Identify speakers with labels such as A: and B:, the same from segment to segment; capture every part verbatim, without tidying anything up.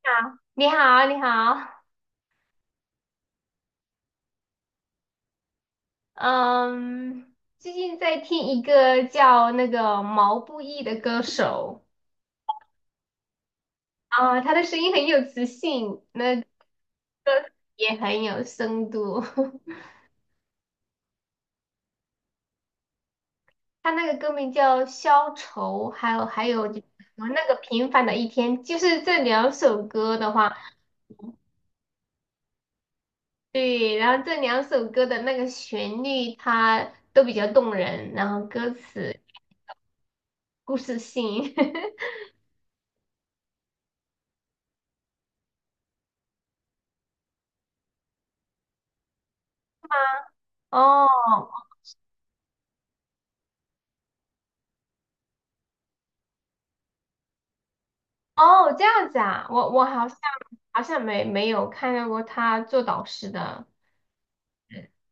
A: 好，你好，你好。嗯，最近在听一个叫那个毛不易的歌手。啊，他的声音很有磁性，那也很有深度。他那个歌名叫《消愁》，还有还有就是什么那个平凡的一天，就是这两首歌的话。对，然后这两首歌的那个旋律它都比较动人，然后歌词故事性。哦。哦，这样子啊，我我好像好像没没有看到过他做导师的。嗯，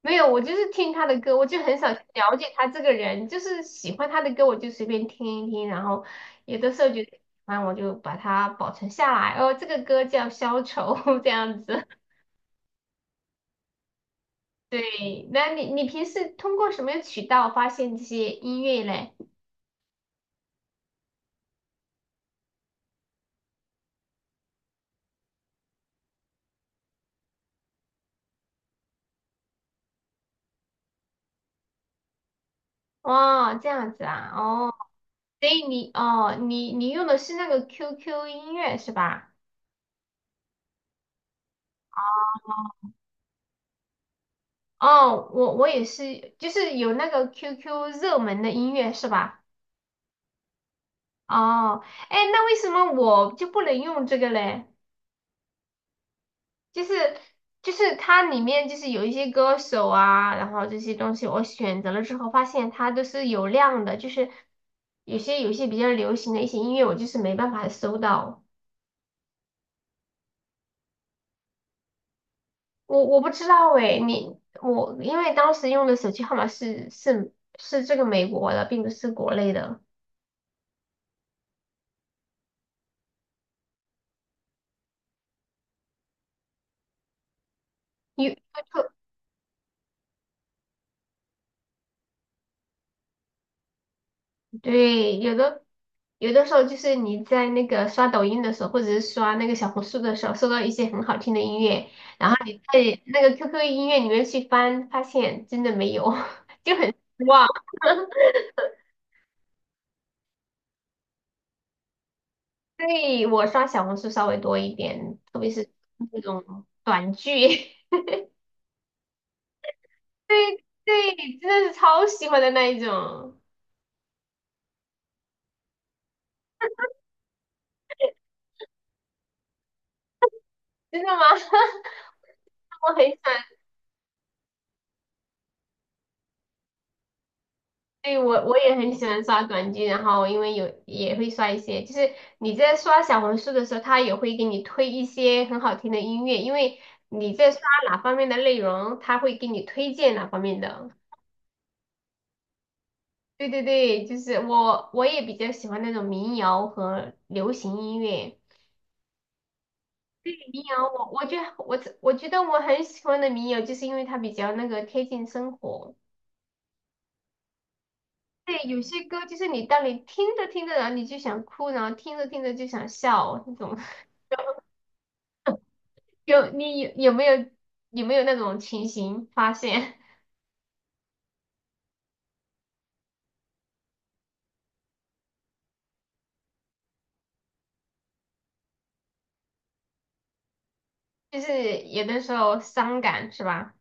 A: 没有，我就是听他的歌，我就很少去了解他这个人，就是喜欢他的歌我就随便听一听。然后有的时候觉得喜欢我就把它保存下来。哦，这个歌叫《消愁》。这样子。对，那你你平时通过什么渠道发现这些音乐嘞？哦，这样子啊。哦，所以你哦你你用的是那个 Q Q 音乐是吧？哦，我我也是，就是有那个 Q Q 热门的音乐是吧？哦。哎，那为什么我就不能用这个嘞？就是就是它里面就是有一些歌手啊，然后这些东西我选择了之后，发现它都是有量的。就是有些有些比较流行的一些音乐，我就是没办法搜到。我我不知道诶，你我因为当时用的手机号码是是是这个美国的，并不是国内的。有对，有的有的时候就是你在那个刷抖音的时候，或者是刷那个小红书的时候，收到一些很好听的音乐，然后你在那个 Q Q 音乐里面去翻，发现真的没有。就很失望。所以我刷小红书稍微多一点，特别是那种短剧。对对，真的是超喜欢的那一种。真的吗？我很喜欢。对，我我也很喜欢刷短剧，然后因为有也会刷一些，就是你在刷小红书的时候，它也会给你推一些很好听的音乐，因为你在刷哪方面的内容，它会给你推荐哪方面的。对对对，就是我我也比较喜欢那种民谣和流行音乐。对民谣，我我觉得我我觉得我很喜欢的民谣，就是因为它比较那个贴近生活。对，有些歌就是你当你听着听着，然后你就想哭，然后听着听着就想笑，那种有你有有没有有没有那种情形发现？就是有的时候伤感是吧？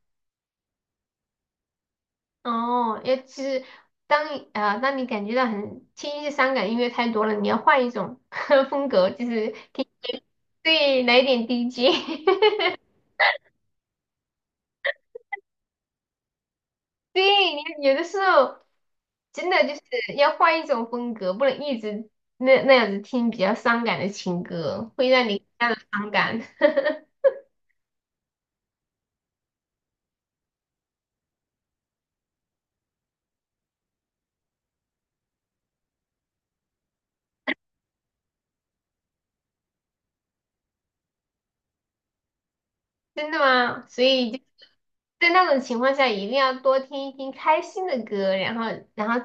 A: 哦，也其实当你呃当你感觉到很听一些伤感音乐太多了，你要换一种 风格，就是听一点对来一点 D J。对，你有的时候真的就是要换一种风格，不能一直那那样子听比较伤感的情歌，会让你非常的伤感。真的吗？所以。在那种情况下，一定要多听一听开心的歌，然后，然后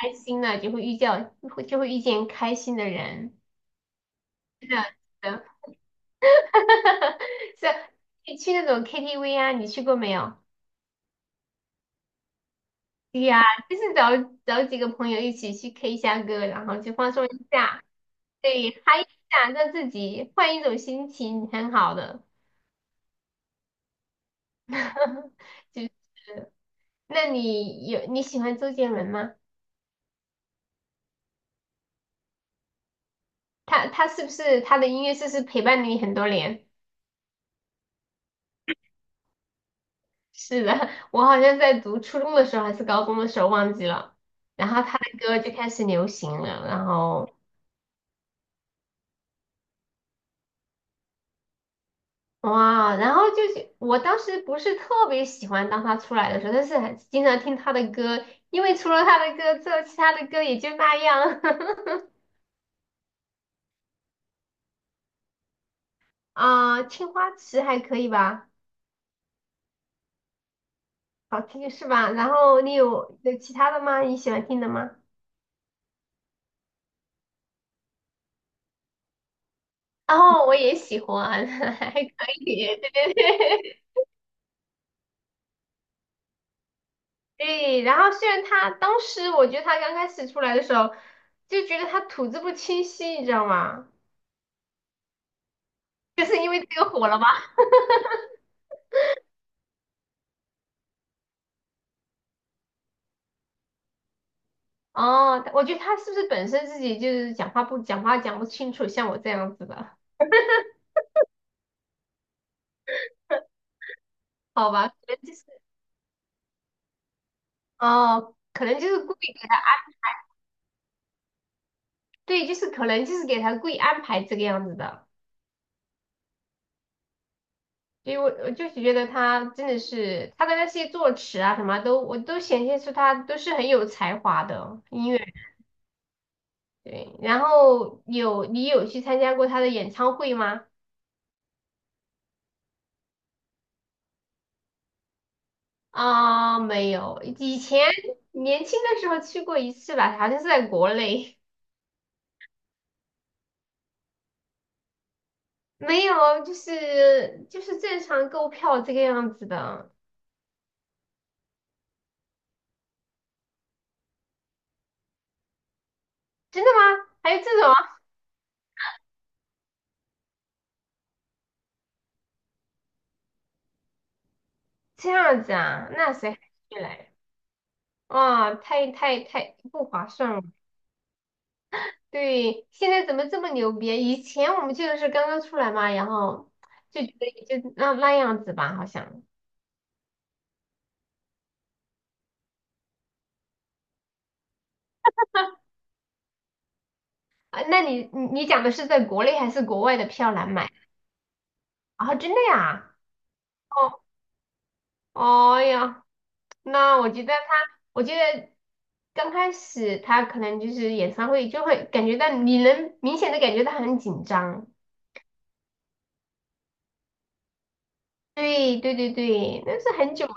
A: 开心了就会遇见，会就会遇见开心的人。是的，是的，是啊。你去那种 K T V 啊，你去过没有？对呀，就是找找几个朋友一起去 K 一下歌，然后去放松一下。对，嗨一下，让自己换一种心情，很好的。就那你有你喜欢周杰伦吗？他他是不是他的音乐是不是陪伴了你很多年？是的。我好像在读初中的时候还是高中的时候忘记了，然后他的歌就开始流行了。然后哇，然后就是我当时不是特别喜欢当他出来的时候，但是还是经常听他的歌，因为除了他的歌之后，其他的歌也就那样。啊，青花瓷还可以吧。好听是吧？然后你有有其他的吗？你喜欢听的吗？哦，我也喜欢。还可以，对对对。对，然后虽然他当时我觉得他刚开始出来的时候，就觉得他吐字不清晰，你知道吗？就是因为这个火了吗？哦，我觉得他是不是本身自己就是讲话不讲话讲不清楚，像我这样子的。好吧？可能就是哦，可能就是故意给他。对，就是可能就是给他故意安排这个样子的。所以我我就是觉得他真的是他的那些作词啊什么都，我都显现出他都是很有才华的。音乐。对，然后有你有去参加过他的演唱会吗？啊，没有，以前年轻的时候去过一次吧，好像是在国内。没有，就是就是正常购票这个样子的。真的吗？还有这种啊。这样子啊？那谁还去嘞？啊，太太太不划算了。对，现在怎么这么牛逼？以前我们去的是刚刚出来嘛，然后就觉得也就那那样子吧，好像。啊，那你你你讲的是在国内还是国外的票难买？啊，真的呀？哦，哎呀，那我觉得他，我觉得刚开始他可能就是演唱会就会感觉到你能明显的感觉到他很紧张。对对对对，那是很久了。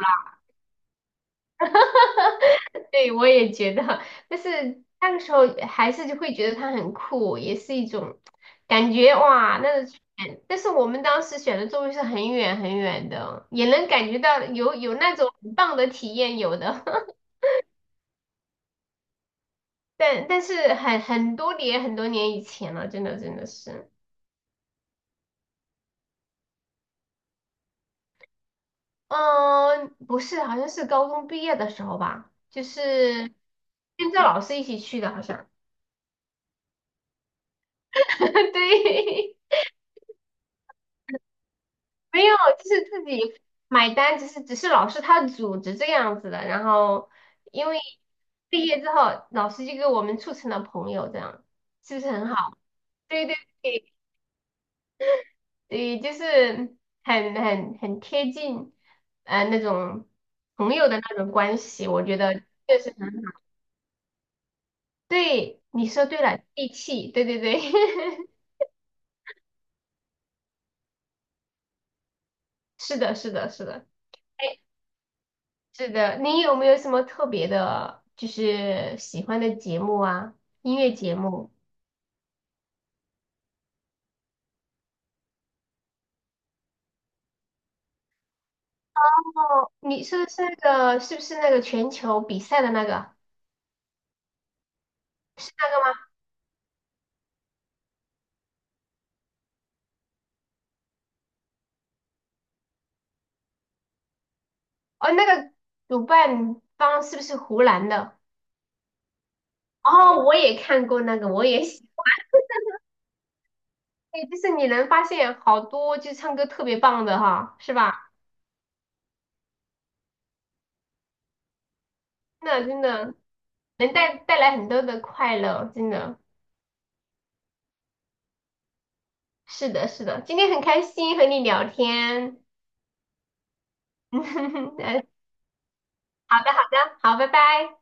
A: 对，我也觉得，但是那个时候还是就会觉得它很酷，也是一种感觉哇，那个感但是我们当时选的座位是很远很远的，也能感觉到有有那种很棒的体验，有的。但但是很很多年很多年以前了，真的真的是。嗯，不是，好像是高中毕业的时候吧，就是跟着老师一起去的，好像。对。没有，就是自己买单，只是只是老师他组织这样子的。然后因为毕业之后，老师就给我们促成了朋友，这样是不是很好？对对对，对，就是很很很贴近，呃，那种朋友的那种关系，我觉得确实很对。你说对了，义气，对对对。是的，是的，是的。哎，是的，你有没有什么特别的，就是喜欢的节目啊？音乐节目？哦，你说的是那个，是不是那个全球比赛的那个？是那个吗？哦，那个主办方是不是湖南的？哦，我也看过那个，我也喜。哎，就是你能发现好多就唱歌特别棒的哈，是吧？那真的能带带来很多的快乐，真的是的，是的。今天很开心和你聊天。嗯，好的，好的，好，拜拜。